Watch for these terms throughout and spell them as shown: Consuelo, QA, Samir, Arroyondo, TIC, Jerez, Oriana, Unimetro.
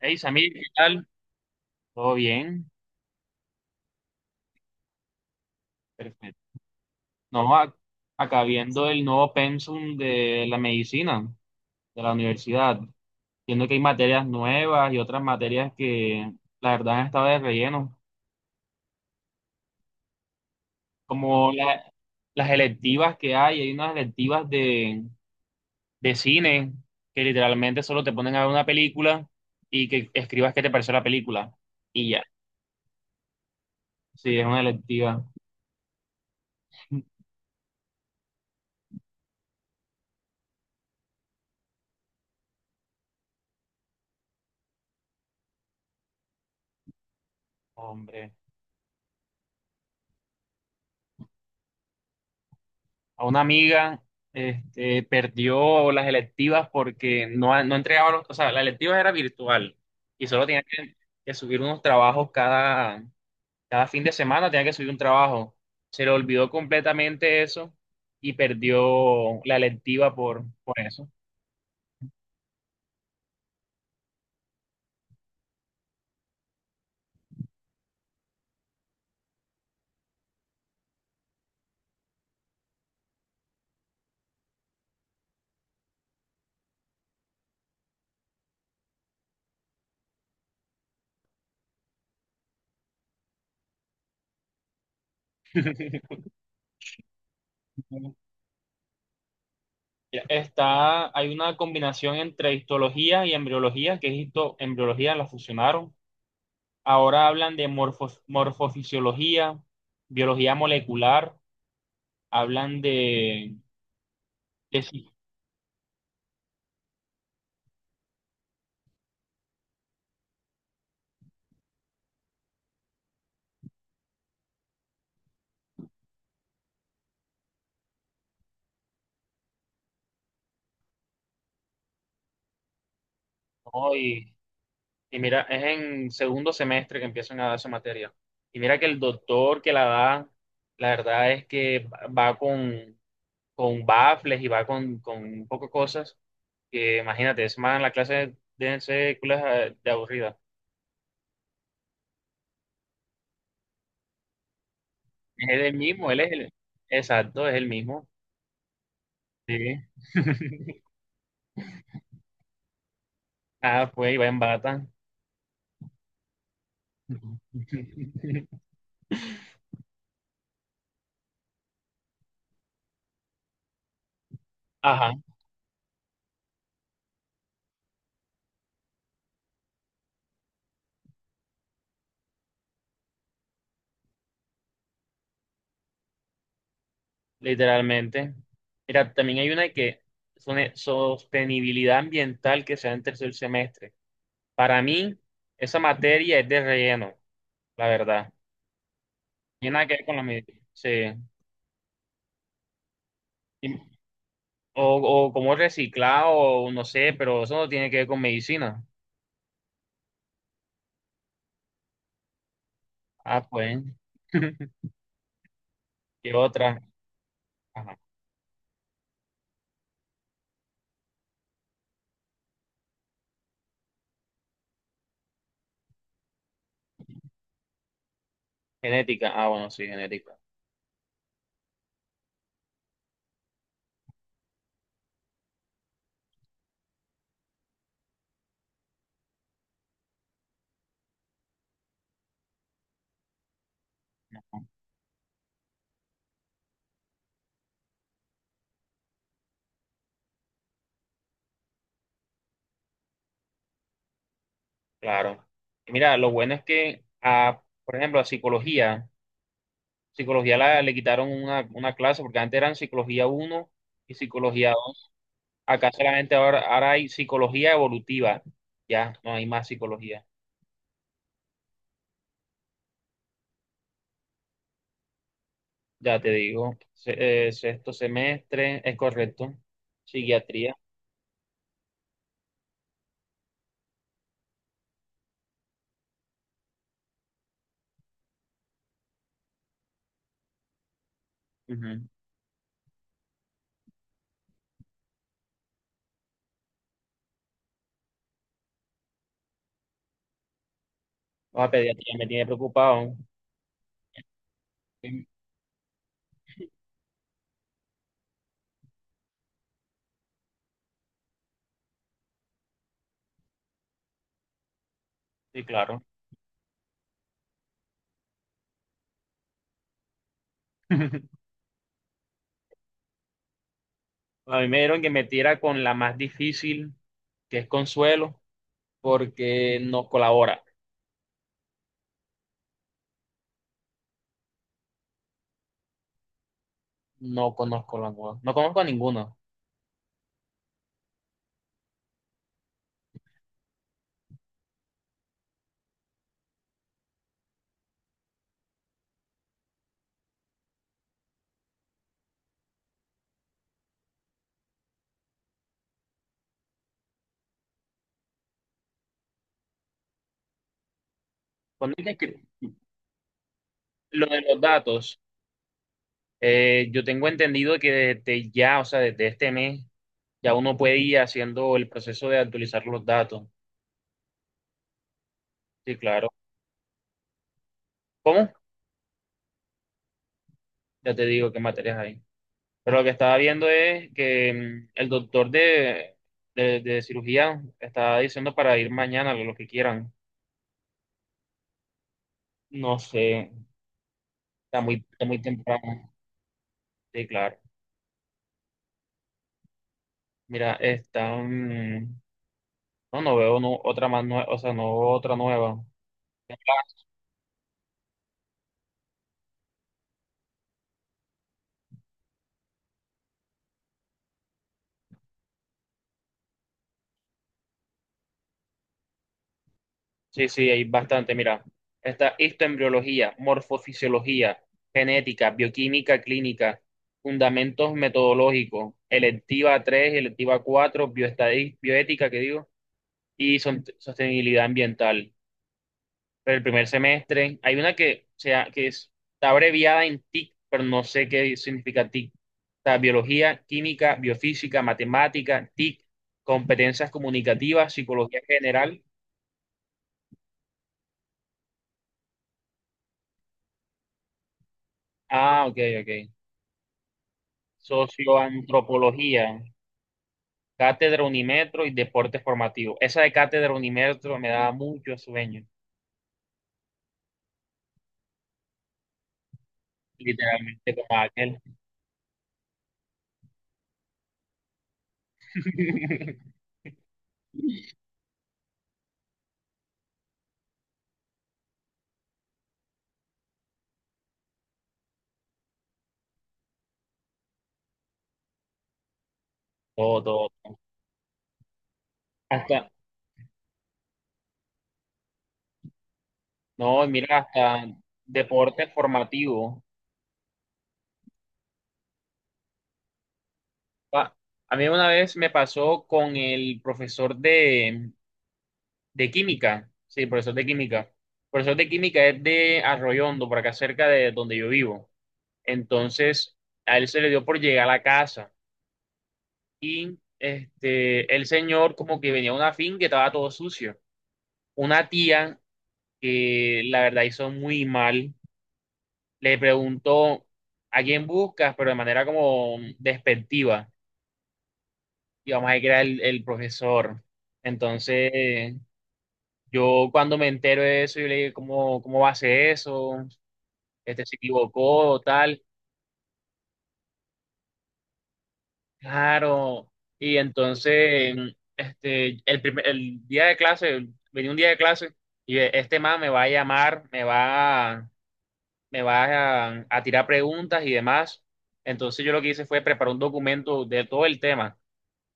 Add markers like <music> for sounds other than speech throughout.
Hey, Samir, ¿qué tal? ¿Todo bien? Perfecto. No, a- Acá viendo el nuevo pensum de la medicina de la universidad, viendo que hay materias nuevas y otras materias que la verdad han estado de relleno, como la- las electivas que hay unas electivas de cine que literalmente solo te ponen a ver una película y que escribas qué te pareció la película y ya, sí, es una electiva. Hombre. A una amiga, este, perdió las electivas porque no entregaba los. La electiva era virtual y solo tenía que subir unos trabajos cada fin de semana, tenía que subir un trabajo. Se le olvidó completamente eso y perdió la electiva por eso. Hay una combinación entre histología y embriología, que es embriología, la fusionaron. Ahora hablan de morfofisiología, biología molecular. Hablan de sí, ¿no? Y mira, es en segundo semestre que empiezan a dar esa materia. Y mira que el doctor que la da, la verdad es que va con baffles y va con un poco de cosas que imagínate, es más en la clase de ser culas de aburrida. Es el mismo, exacto, es el mismo. Sí. <laughs> Ah, pues, y va en bata. <laughs> Ajá. Literalmente. Mira, también hay una que es una sostenibilidad ambiental que se da en tercer semestre. Para mí, esa materia es de relleno, la verdad. Tiene nada que ver con la medicina. Sí. Y- O, o como reciclado, o no sé, pero eso no tiene que ver con medicina. Ah, pues. <laughs> ¿Qué otra? Ajá. Genética. Ah, bueno, sí, genética. Claro. Y mira, lo bueno es que, ah, por ejemplo, la psicología. Le quitaron una clase porque antes eran psicología uno y psicología dos. Acá solamente ahora hay psicología evolutiva. Ya, no hay más psicología. Ya te digo, sexto semestre, es correcto. Psiquiatría. Ujú. Ah, pediatría me tiene preocupado. Sí, sí, claro. <laughs> A mí me dieron que metiera con la más difícil, que es Consuelo, porque no colabora. No conozco no conozco a ninguno. Cuando dije que- lo de los datos, eh, yo tengo entendido que desde ya, o sea, desde este mes, ya uno puede ir haciendo el proceso de actualizar los datos. Sí, claro. ¿Cómo? Ya te digo qué materias hay. Pero lo que estaba viendo es que mm, el doctor de cirugía estaba diciendo para ir mañana, lo que quieran. No sé, está muy temprano. Sí, claro. Mira, no, no veo no, otra más nueva, o sea, no veo otra nueva. Sí, sí, hay bastante. Mira, está histoembriología, morfofisiología, genética, bioquímica clínica, fundamentos metodológicos, electiva 3, electiva 4, bioética, que digo, sostenibilidad ambiental. Pero el primer semestre, hay una que está abreviada en TIC, pero no sé qué significa TIC. Está biología, química, biofísica, matemática, TIC, competencias comunicativas, psicología general. Ah, ok, ok. Socioantropología, Cátedra Unimetro y Deporte Formativo. Esa de Cátedra Unimetro me daba mucho sueño, literalmente como aquel. <laughs> Todo, todo. Hasta, no, mira, hasta deporte formativo. Pa- a mí una vez me pasó con el profesor de química. Sí, profesor de química. El profesor de química es de Arroyondo, por acá cerca de donde yo vivo. Entonces, a él se le dio por llegar a la casa. Y este, el señor como que venía a una finca que estaba todo sucio. Una tía que la verdad hizo muy mal, le preguntó a quién buscas, pero de manera como despectiva. Y vamos a decir que era el profesor. Entonces, yo cuando me entero de eso, yo le dije, ¿cómo va a ser eso? Este se equivocó, tal. Claro, y entonces, mm, este, el día de clase, venía un día de clase y este man me va a llamar, me va a tirar preguntas y demás. Entonces yo lo que hice fue preparar un documento de todo el tema.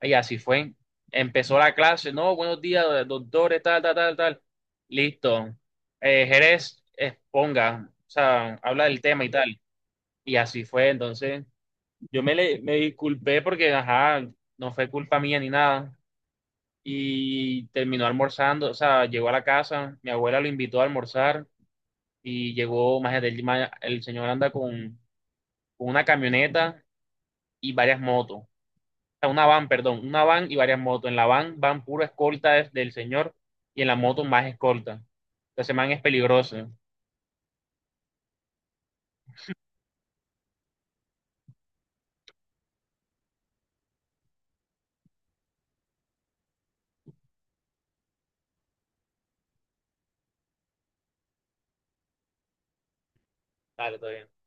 Y así fue. Empezó la clase, no, buenos días, doctores, tal, tal, tal, tal. Listo. Jerez, exponga, o sea, habla del tema y tal. Y así fue, entonces. Me disculpé porque, ajá, no fue culpa mía ni nada. Y terminó almorzando, o sea, llegó a la casa, mi abuela lo invitó a almorzar y llegó, el señor anda con una camioneta y varias motos. O sea, una van, perdón, una van y varias motos. En la van van puro escolta del señor y en la moto más escolta. Entonces, man es peligroso. Dale, todo bien.